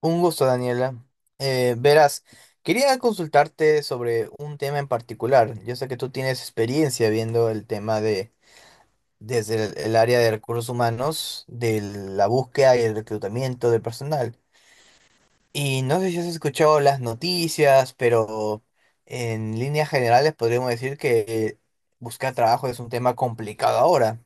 Un gusto, Daniela. Verás, quería consultarte sobre un tema en particular. Yo sé que tú tienes experiencia viendo el tema de desde el área de recursos humanos, de la búsqueda y el reclutamiento de personal. Y no sé si has escuchado las noticias, pero en líneas generales podríamos decir que buscar trabajo es un tema complicado ahora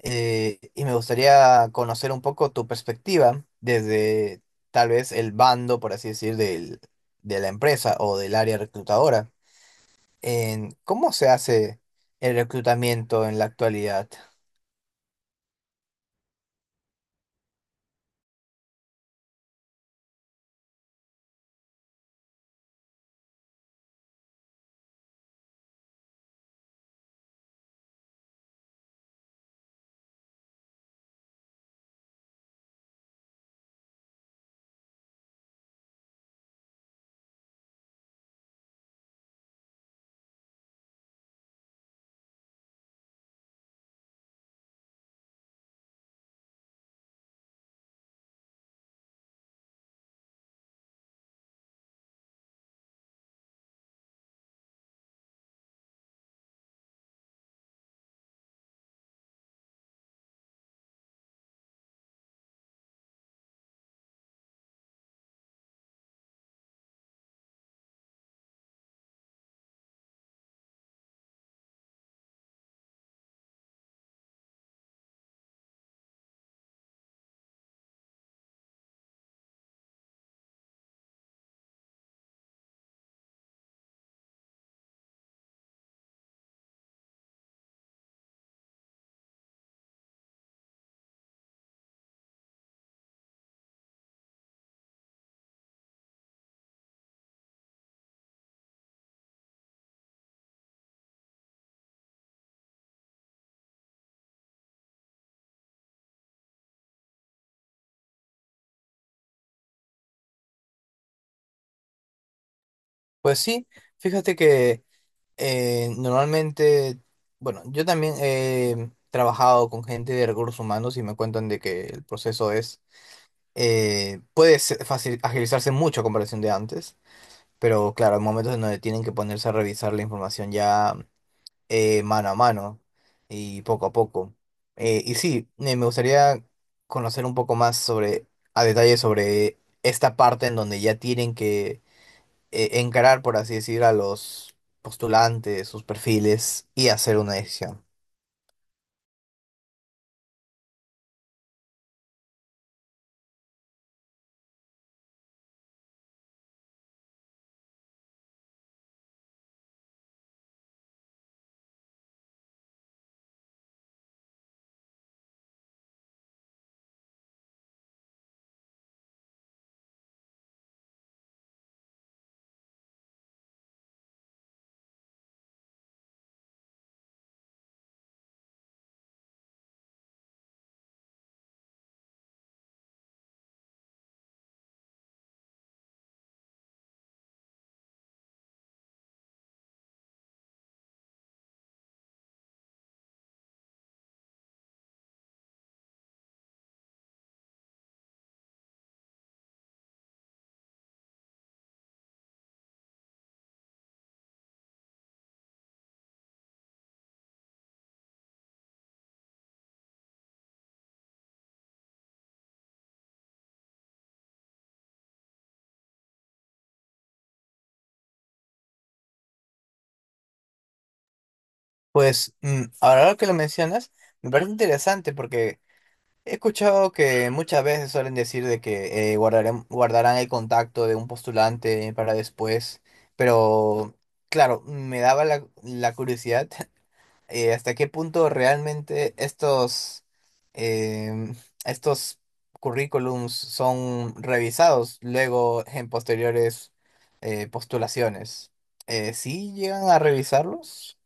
y me gustaría conocer un poco tu perspectiva desde tal vez el bando, por así decir, de la empresa o del área reclutadora, en cómo se hace el reclutamiento en la actualidad. Pues sí, fíjate que normalmente, bueno, yo también he trabajado con gente de recursos humanos y me cuentan de que el proceso es, puede ser agilizarse mucho a comparación de antes. Pero claro, hay momentos en donde tienen que ponerse a revisar la información ya mano a mano y poco a poco. Y sí, me gustaría conocer un poco más sobre, a detalle sobre esta parte en donde ya tienen que encarar, por así decir, a los postulantes, sus perfiles y hacer una decisión. Pues mm, ahora que lo mencionas, me parece interesante porque he escuchado que muchas veces suelen decir de que guardarán el contacto de un postulante para después, pero claro, me daba la curiosidad hasta qué punto realmente em, estos currículums son revisados luego en posteriores postulaciones. ¿Sí llegan a revisarlos?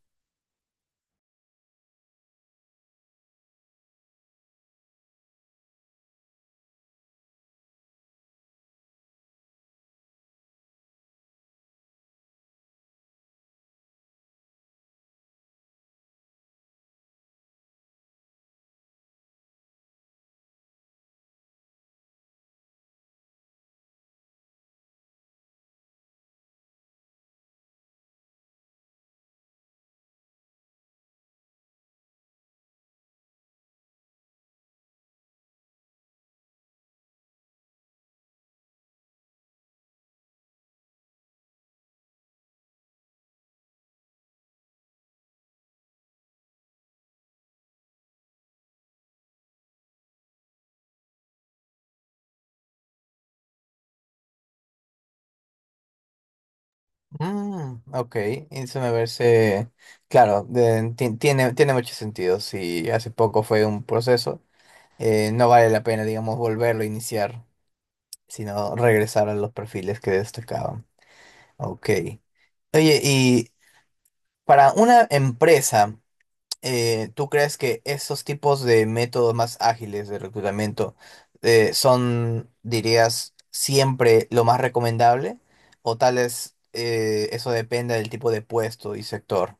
Mm, ok, eso me parece, claro, tiene mucho sentido. Si hace poco fue un proceso, no vale la pena, digamos, volverlo a iniciar, sino regresar a los perfiles que destacaban. Ok. Oye, y para una empresa, ¿tú crees que esos tipos de métodos más ágiles de reclutamiento son, dirías, siempre lo más recomendable? ¿O tal vez eso depende del tipo de puesto y sector?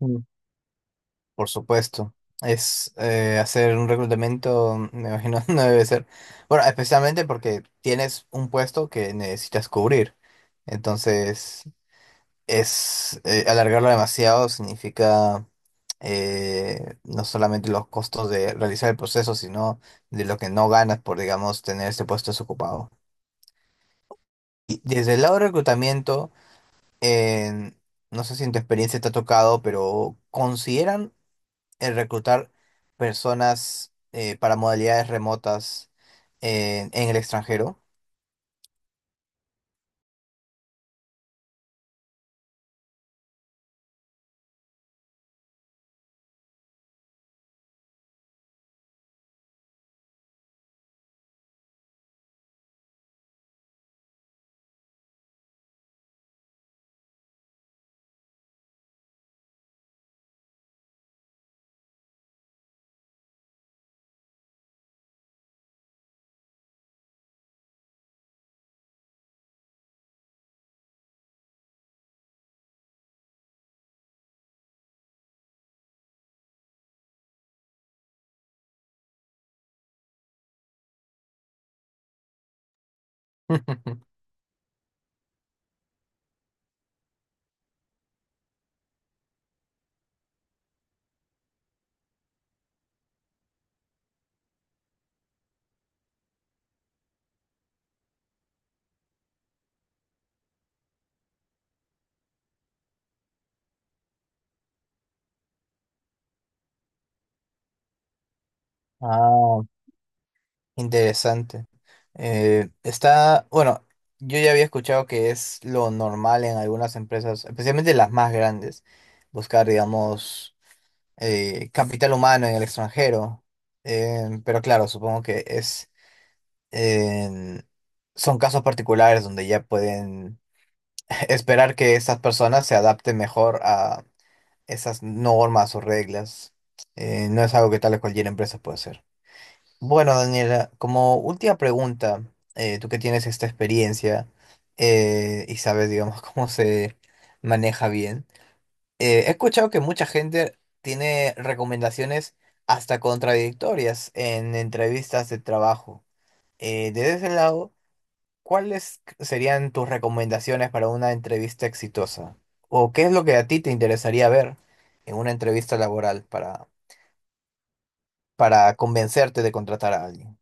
Mm. Por supuesto. Es hacer un reclutamiento, me imagino, no debe ser. Bueno, especialmente porque tienes un puesto que necesitas cubrir. Entonces, es alargarlo demasiado significa no solamente los costos de realizar el proceso, sino de lo que no ganas por, digamos, tener este puesto desocupado. Y desde el lado de reclutamiento, en- no sé si en tu experiencia te ha tocado, pero ¿consideran el reclutar personas para modalidades remotas en el extranjero? Ah, interesante. Está, bueno, yo ya había escuchado que es lo normal en algunas empresas, especialmente las más grandes, buscar, digamos, capital humano en el extranjero. Pero claro, supongo que es, en- son casos particulares donde ya pueden esperar que estas personas se adapten mejor esas normas o reglas. No es algo que tal vez cualquier empresa puede hacer. Bueno, Daniela, como última pregunta, tú que tienes esta experiencia y sabes, digamos, cómo se maneja bien, he escuchado que mucha gente tiene recomendaciones hasta contradictorias en entrevistas de trabajo. Desde ese lado... ¿Cuáles serían tus recomendaciones para una entrevista exitosa? ¿O qué es lo que a ti te interesaría ver en una entrevista laboral para convencerte de contratar a alguien?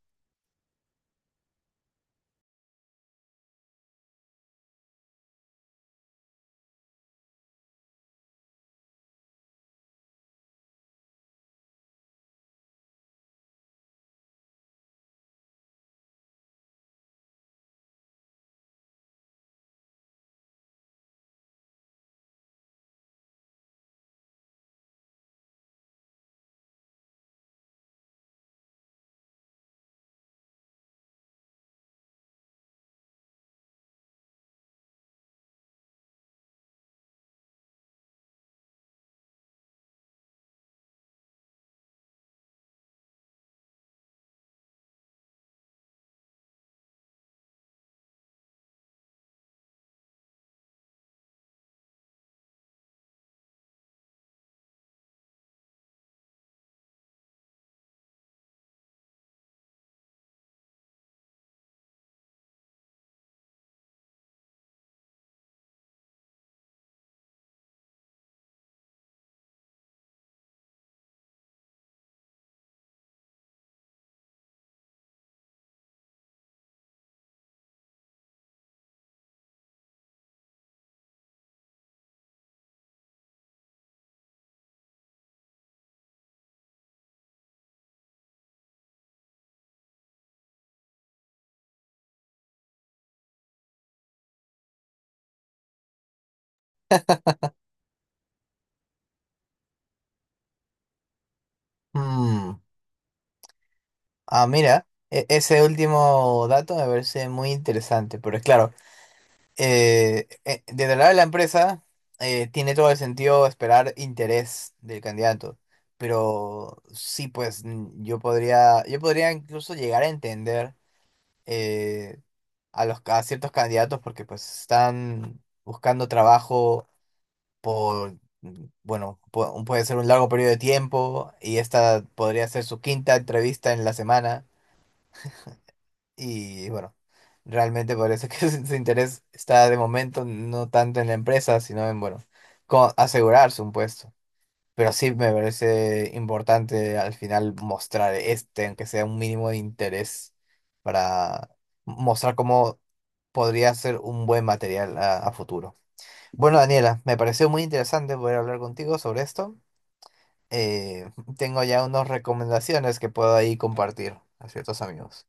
Mm, ah, mira, ese último dato me parece muy interesante, pero es claro, desde el lado de la empresa tiene todo el sentido esperar interés del candidato, pero sí, pues mm, yo podría incluso llegar a entender. eh, a los a ciertos candidatos porque pues están buscando trabajo por, mm, bueno, puede ser un largo periodo de tiempo y esta podría ser su quinta entrevista en la semana y bueno, realmente parece que su interés está de momento no tanto en la empresa, sino en, bueno, asegurarse un puesto. Pero sí me parece importante al final mostrar este, aunque sea un mínimo de interés, para mostrar cómo podría ser un buen material a futuro. Bueno, Daniela, me pareció muy interesante poder hablar contigo sobre esto. Eh, Tengo ya unas recomendaciones que puedo ahí compartir a ciertos amigos.